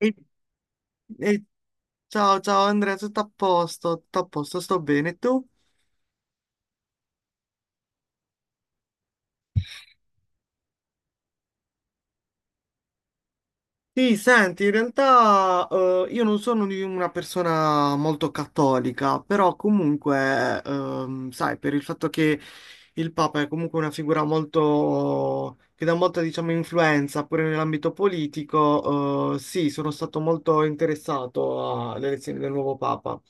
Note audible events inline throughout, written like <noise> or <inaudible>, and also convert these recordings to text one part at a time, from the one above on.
E- e- Ciao, ciao Andrea, tutto a posto, sto bene. Tu? Sì, senti, in realtà io non sono di una persona molto cattolica, però comunque, sai, per il fatto che il Papa è comunque una figura molto, che dà molta, diciamo, influenza pure nell'ambito politico, sì, sono stato molto interessato alle elezioni del nuovo Papa.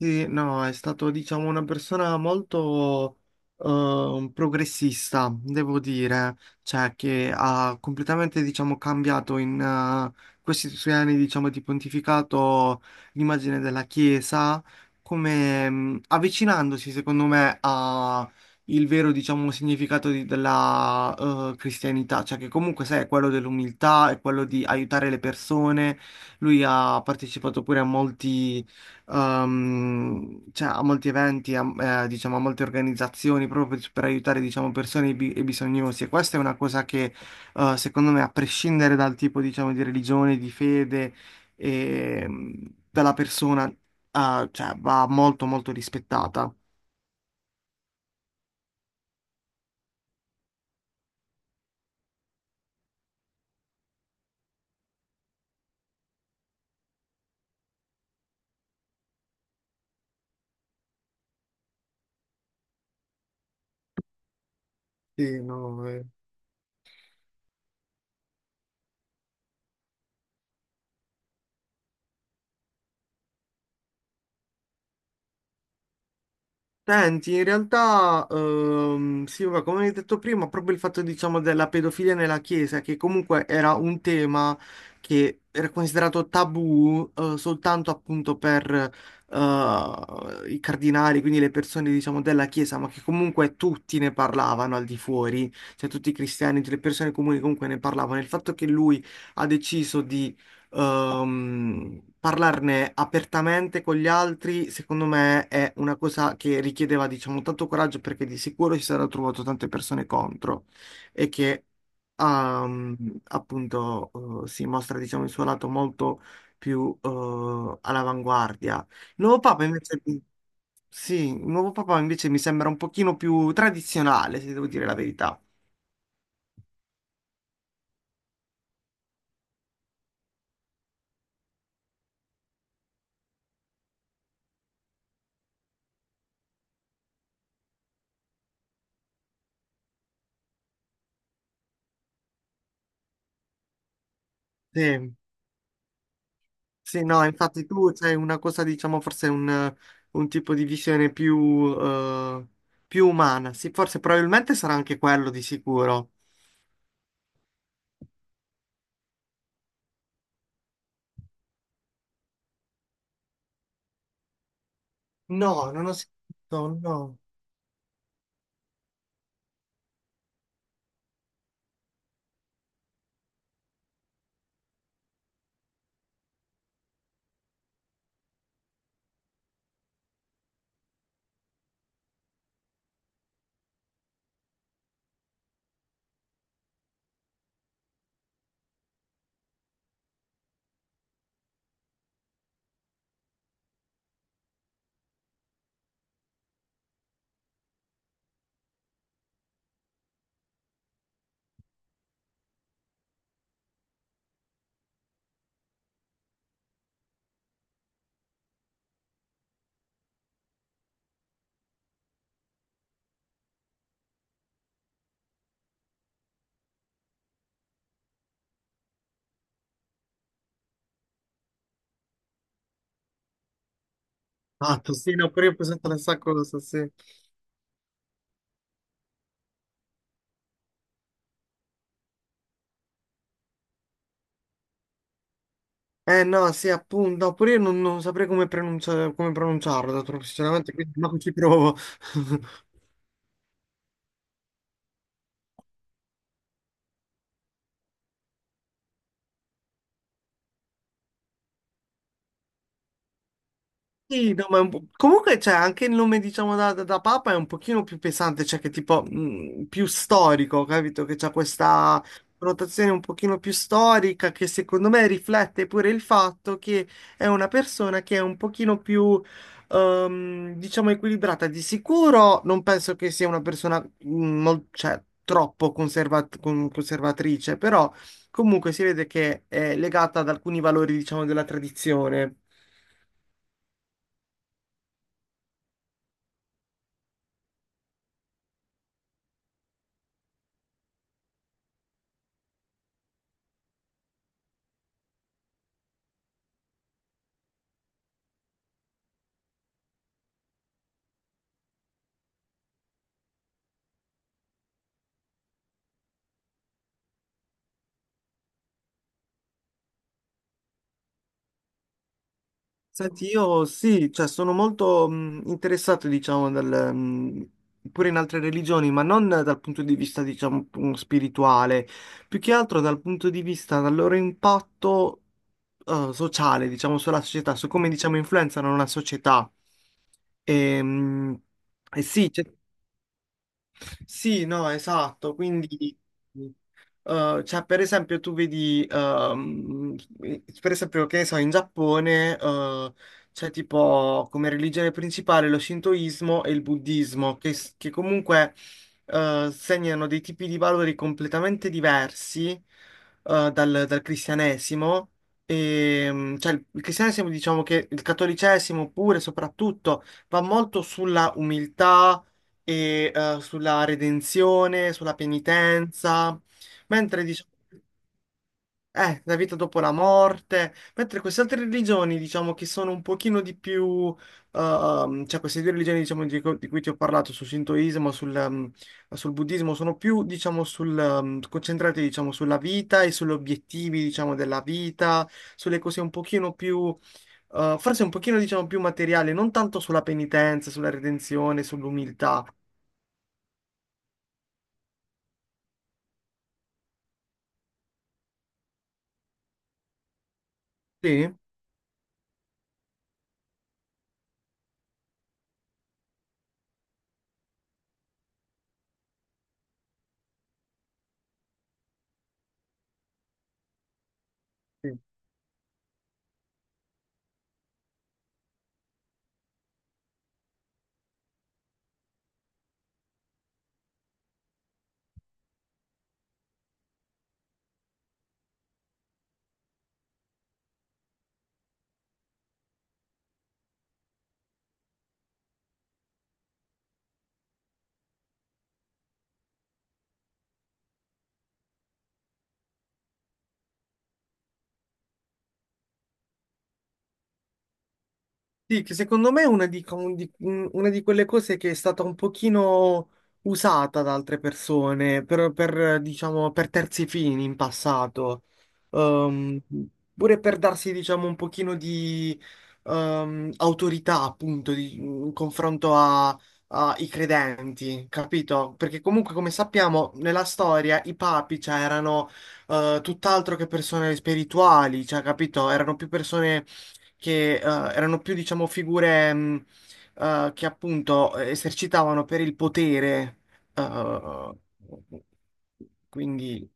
Sì, no, è stato, diciamo, una persona molto progressista, devo dire, cioè che ha completamente, diciamo, cambiato in questi suoi anni, diciamo, di pontificato l'immagine della Chiesa, come avvicinandosi, secondo me, a il vero, diciamo, della cristianità, cioè che comunque, sai, è quello dell'umiltà, è quello di aiutare le persone. Lui ha partecipato pure a molti a molti eventi, a, diciamo, a molte organizzazioni proprio per aiutare, diciamo, persone bisognosi. E questa è una cosa che, secondo me, a prescindere dal tipo, diciamo, di religione, di fede e mm, della persona, cioè, va molto, molto rispettata. Sì, no, eh. Senti, in realtà, sì, vabbè, come hai detto prima, proprio il fatto, diciamo, della pedofilia nella Chiesa, che comunque era un tema che era considerato tabù, soltanto appunto per, i cardinali, quindi le persone, diciamo, della Chiesa, ma che comunque tutti ne parlavano al di fuori, cioè tutti i cristiani, tutte le persone comuni comunque ne parlavano. Il fatto che lui ha deciso parlarne apertamente con gli altri, secondo me, è una cosa che richiedeva, diciamo, tanto coraggio perché di sicuro si sarebbero trovato tante persone contro e che, ehm, appunto, si mostra, diciamo, il suo lato molto più, all'avanguardia. Il nuovo Papa invece, Sì, il nuovo Papa invece mi sembra un pochino più tradizionale, se devo dire la verità. Sì. Sì, no, infatti tu c'hai una cosa, diciamo, forse un tipo di visione più, più umana. Sì, forse probabilmente sarà anche quello di sicuro. No, non ho sentito, no. Ah, tu sì, no, pure io ho presentato la stessa cosa, sì. Eh no, sì, appunto, no, pure io non saprei come, come pronunciarlo, sinceramente, quindi ma ci provo. <laughs> Sì, no, ma è un po'- comunque c'è anche il nome, diciamo, da Papa è un pochino più pesante, cioè che tipo più storico, capito? Che c'è questa connotazione un pochino più storica che secondo me riflette pure il fatto che è una persona che è un pochino più, diciamo, equilibrata. Di sicuro non penso che sia una persona, cioè, troppo conservatrice, però comunque si vede che è legata ad alcuni valori, diciamo, della tradizione. Senti, io sì, cioè sono molto interessato, diciamo, pure in altre religioni, ma non dal punto di vista, diciamo, spirituale, più che altro dal punto di vista del loro impatto sociale, diciamo, sulla società, su come, diciamo, influenzano una società. E, mh, e sì, sì, no, esatto. Quindi, per esempio, tu vedi, per esempio, che ne so, in Giappone, c'è tipo come religione principale lo shintoismo e il buddismo, che comunque, segnano dei tipi di valori completamente diversi, dal cristianesimo. Il cristianesimo, diciamo che il cattolicesimo pure, soprattutto, va molto sulla umiltà e sulla redenzione, sulla penitenza, mentre diciamo, la vita dopo la morte, mentre queste altre religioni, diciamo, che sono un pochino di più, cioè queste due religioni, diciamo, di cui ti ho parlato, sul Shintoismo, sul buddismo, sono più, diciamo, concentrate, diciamo, sulla vita e sugli obiettivi, diciamo, della vita, sulle cose un pochino più... forse un pochino, diciamo, più materiale, non tanto sulla penitenza, sulla redenzione, sull'umiltà. Sì? Sì, che secondo me è una di- un- una di quelle cose che è stata un pochino usata da altre persone per, diciamo, per terzi fini in passato. Ehm, Pure per darsi, diciamo, un pochino di autorità, appunto, di- in confronto a- ai credenti, capito? Perché comunque, come sappiamo, nella storia i papi, cioè, erano tutt'altro che persone spirituali, cioè, capito? Erano più persone che erano più, diciamo, figure che appunto esercitavano per il potere. eh, quindi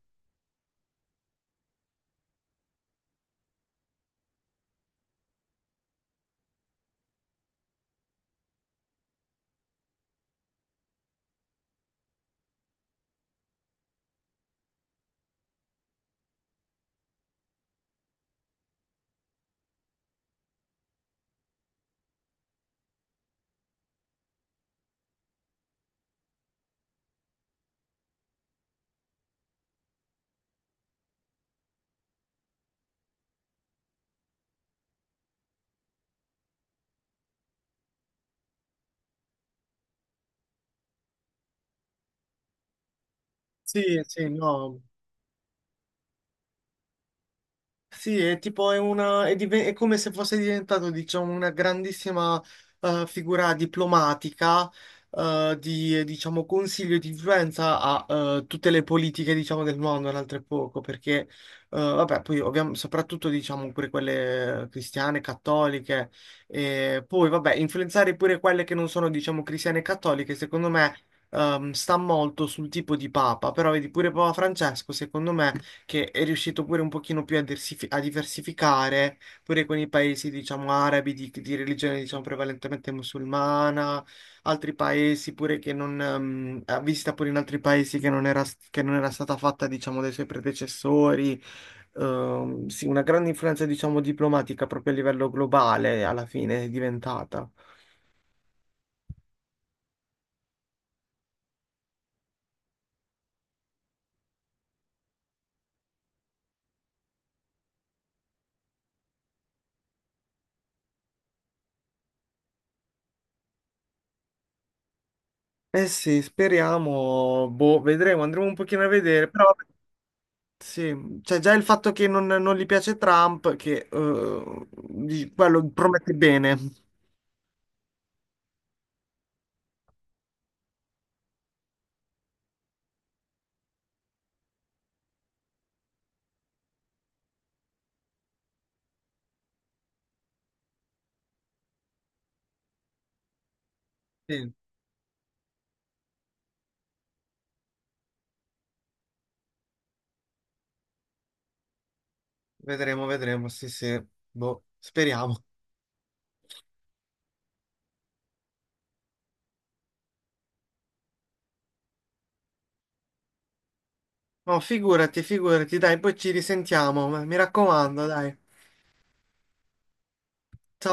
sì, sì, no. Sì, è tipo è come se fosse diventato, diciamo, una grandissima figura diplomatica diciamo, consiglio e di influenza a tutte le politiche, diciamo, del mondo, altrettanto perché, vabbè, poi ovviamente, soprattutto, diciamo, pure quelle cristiane, cattoliche, e poi, vabbè, influenzare pure quelle che non sono, diciamo, cristiane e cattoliche, secondo me, sta molto sul tipo di papa, però vedi, pure Papa Francesco, secondo me che è riuscito pure un pochino più a, a diversificare, pure con i paesi, diciamo, arabi di religione, diciamo, prevalentemente musulmana, altri paesi pure che non, ha visita pure in altri paesi che non era stata fatta, diciamo, dai suoi predecessori. Sì, una grande influenza, diciamo, diplomatica proprio a livello globale alla fine è diventata. Eh sì, speriamo, boh, vedremo, andremo un pochino a vedere, però sì, cioè già il fatto che non gli piace Trump, che quello promette bene. Sì, vedremo, vedremo, sì, sì, boh, speriamo. No, figurati, figurati, dai, poi ci risentiamo, ma mi raccomando, dai.